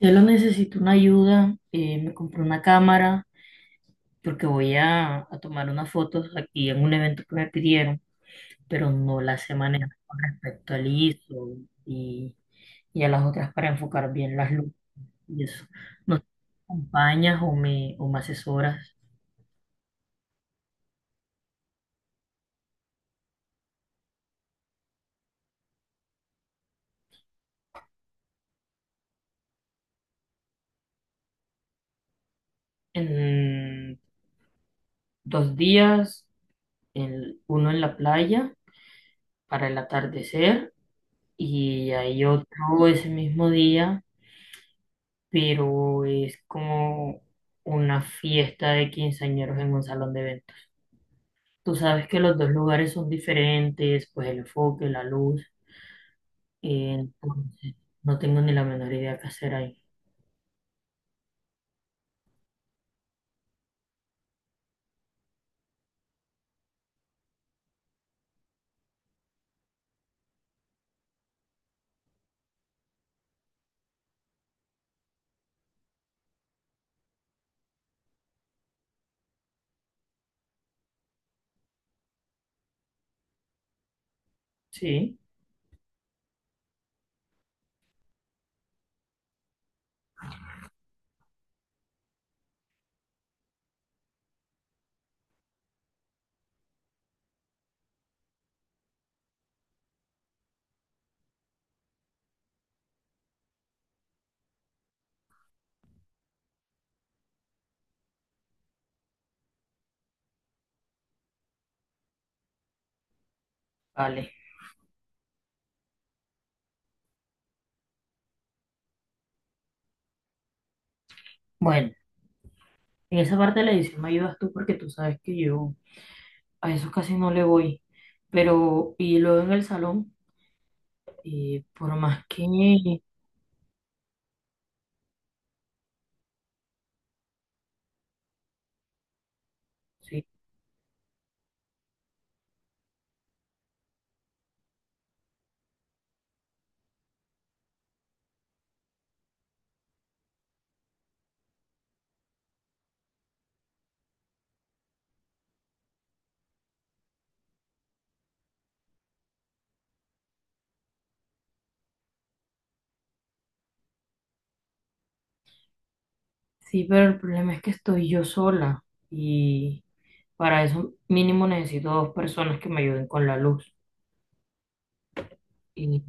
Yo lo necesito una ayuda, me compré una cámara porque voy a tomar unas fotos aquí en un evento que me pidieron, pero no las sé manejar con respecto al ISO y, y a las otras para enfocar bien las luces y eso. ¿No sé si me acompañas o me asesoras? En 2 días, uno en la playa para el atardecer y hay otro ese mismo día, pero es como una fiesta de quinceañeros en un salón de eventos. Tú sabes que los dos lugares son diferentes, pues el enfoque, la luz. Entonces no tengo ni la menor idea qué hacer ahí. Sí, vale. Bueno, en esa parte de la edición me ayudas tú porque tú sabes que yo a eso casi no le voy, pero y luego en el salón, por más que... Sí, sí, pero el problema es que estoy yo sola y para eso mínimo necesito dos personas que me ayuden con la luz. Y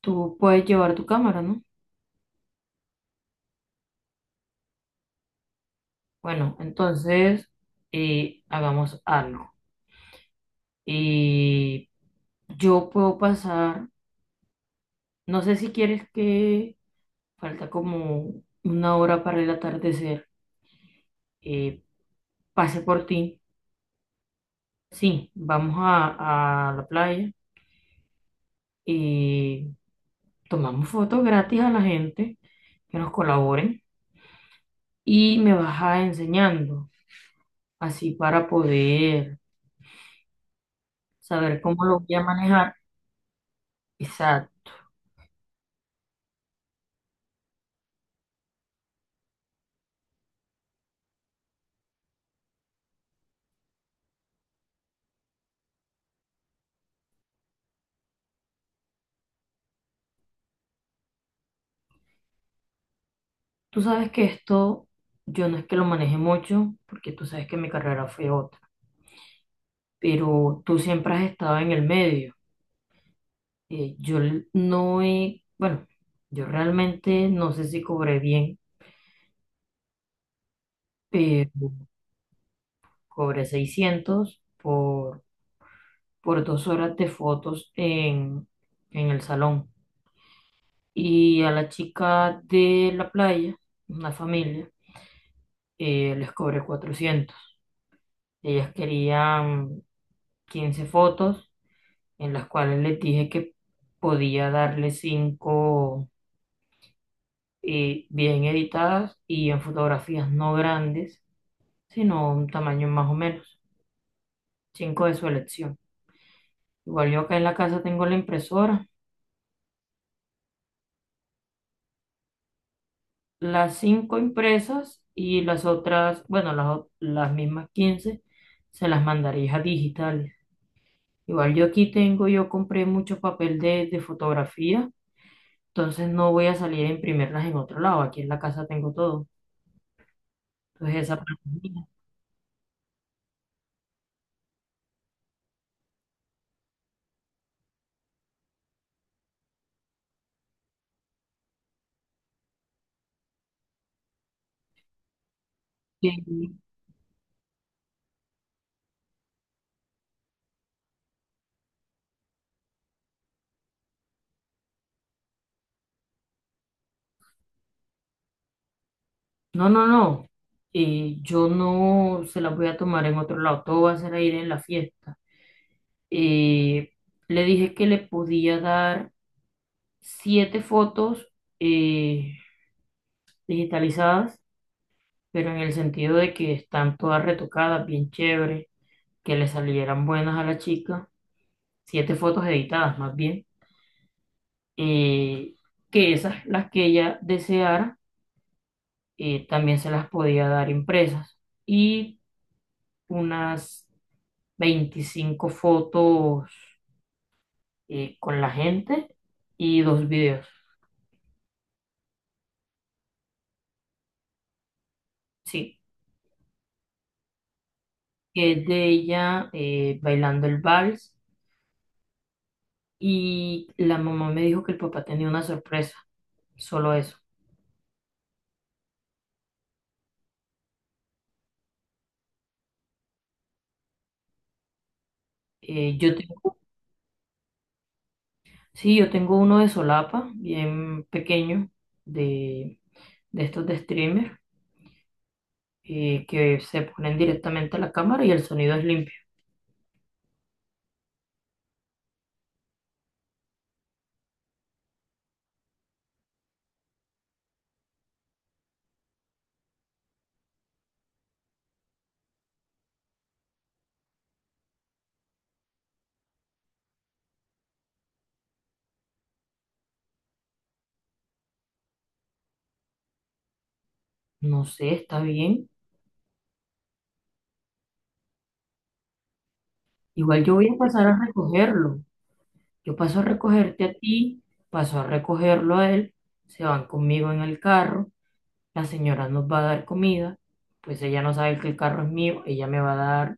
tú puedes llevar tu cámara, ¿no? Bueno, entonces hagamos algo. Y yo puedo pasar, no sé si quieres que falta como una hora para el atardecer, eh, pase por ti. Sí, vamos a la playa y tomamos fotos gratis a la gente que nos colaboren y me vas a enseñando, así para poder saber cómo lo voy a manejar. Exacto. Tú sabes que esto yo no es que lo maneje mucho, porque tú sabes que mi carrera fue otra, pero tú siempre has estado en el medio. No he, bueno, yo realmente no sé si cobré bien, pero cobré 600 por 2 horas de fotos en el salón. Y a la chica de la playa, una familia, les cobré 400. Ellas querían 15 fotos, en las cuales les dije que podía darle cinco, bien editadas y en fotografías no grandes, sino un tamaño más o menos, 5 de su elección. Igual yo acá en la casa tengo la impresora, las 5 impresas y las otras, bueno, las mismas 15 se las mandaría a digitales. Igual yo aquí tengo, yo compré mucho papel de fotografía, entonces no voy a salir a imprimirlas en otro lado, aquí en la casa tengo todo. Entonces esa parte es mía. Y- No, no, no, yo no se las voy a tomar en otro lado, todo va a ser a ir en la fiesta. Eh, Le dije que le podía dar siete fotos, eh, digitalizadas, pero en el sentido de que están todas retocadas, bien chévere, que le salieran buenas a la chica. Siete fotos editadas más bien, eh, que esas, las que ella deseara, también se las podía dar impresas. Y unas 25 fotos, con la gente y dos videos. Sí, que es de ella, bailando el vals. Y la mamá me dijo que el papá tenía una sorpresa, solo eso. Yo tengo, sí, yo tengo uno de solapa, bien pequeño, de, de estos de streamer, que se ponen directamente a la cámara y el sonido es limpio. No sé, está bien. Igual yo voy a pasar a recogerlo. Yo paso a recogerte a ti, paso a recogerlo a él, se van conmigo en el carro, la señora nos va a dar comida, pues ella no sabe que el carro es mío, ella me va a dar,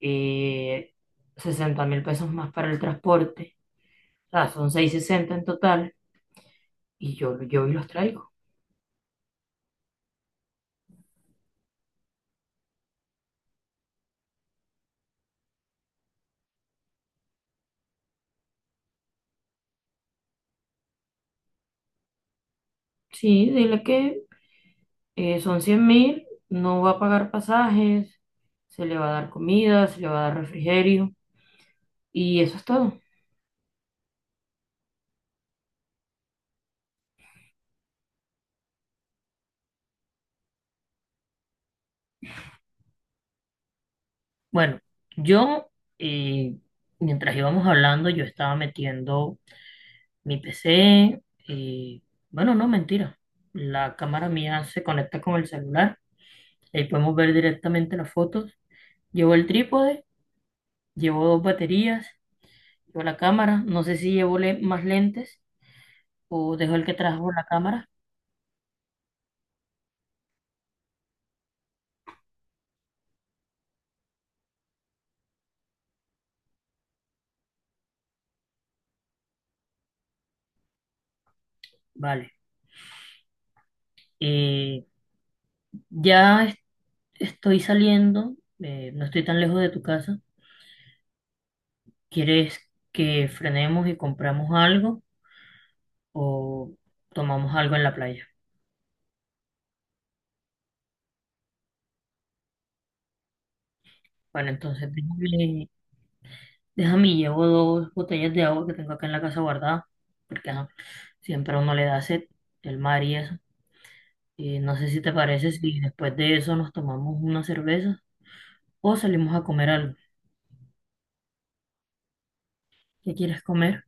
eh, 60 mil pesos más para el transporte, o sea, son 660 en total, y yo y los traigo. Sí, dile que son 100.000, no va a pagar pasajes, se le va a dar comida, se le va a dar refrigerio y eso es todo. Bueno, yo, eh, mientras íbamos hablando, yo estaba metiendo mi PC. eh, bueno, no, mentira. La cámara mía se conecta con el celular. Ahí podemos ver directamente las fotos. Llevo el trípode, llevo dos baterías, llevo la cámara. No sé si llevo más lentes o dejo el que trajo la cámara. Vale. Eh, Ya es- Estoy saliendo, no estoy tan lejos de tu casa. ¿Quieres que frenemos y compramos algo o tomamos algo en la playa? Bueno, entonces déjame, llevo dos botellas de agua que tengo acá en la casa guardada, porque ajá, siempre a uno le da sed, el mar y eso. Y no sé si te parece si después de eso nos tomamos una cerveza o salimos a comer algo. ¿Qué quieres comer?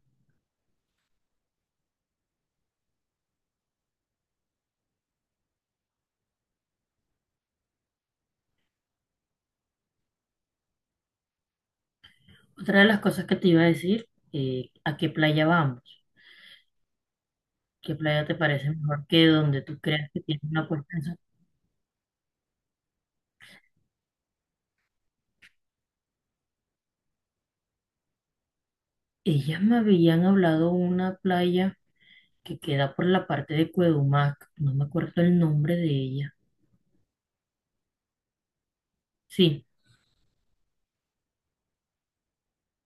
Otra de las cosas que te iba a decir, ¿a qué playa vamos? ¿Qué playa te parece mejor que donde tú creas que tienes una puesta en sol? Ellas me habían hablado una playa que queda por la parte de Cuedumac. No me acuerdo el nombre de ella. Sí,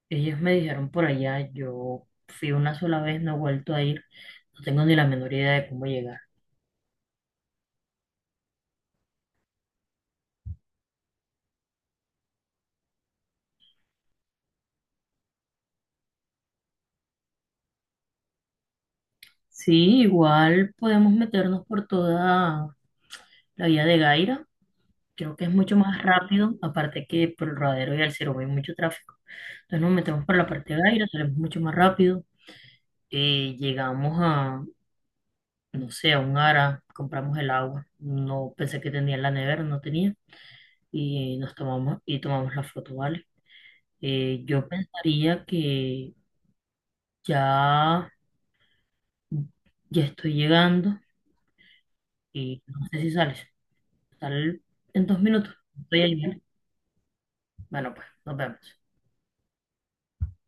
ellas me dijeron por allá. Yo fui una sola vez, no he vuelto a ir. No tengo ni la menor idea de cómo llegar. Sí, igual podemos meternos por toda la vía de Gaira. Creo que es mucho más rápido, aparte que por el Rodadero y Alcero hay mucho tráfico. Entonces nos metemos por la parte de Gaira, salimos mucho más rápido. Y llegamos a, no sé, a un Ara, compramos el agua. No pensé que tenía en la nevera, no tenía. Y nos tomamos y tomamos la foto, ¿vale? Yo pensaría que ya, ya estoy llegando y no sé si sales. Sal en 2 minutos. Estoy ahí, ¿vale? Bueno, pues nos vemos.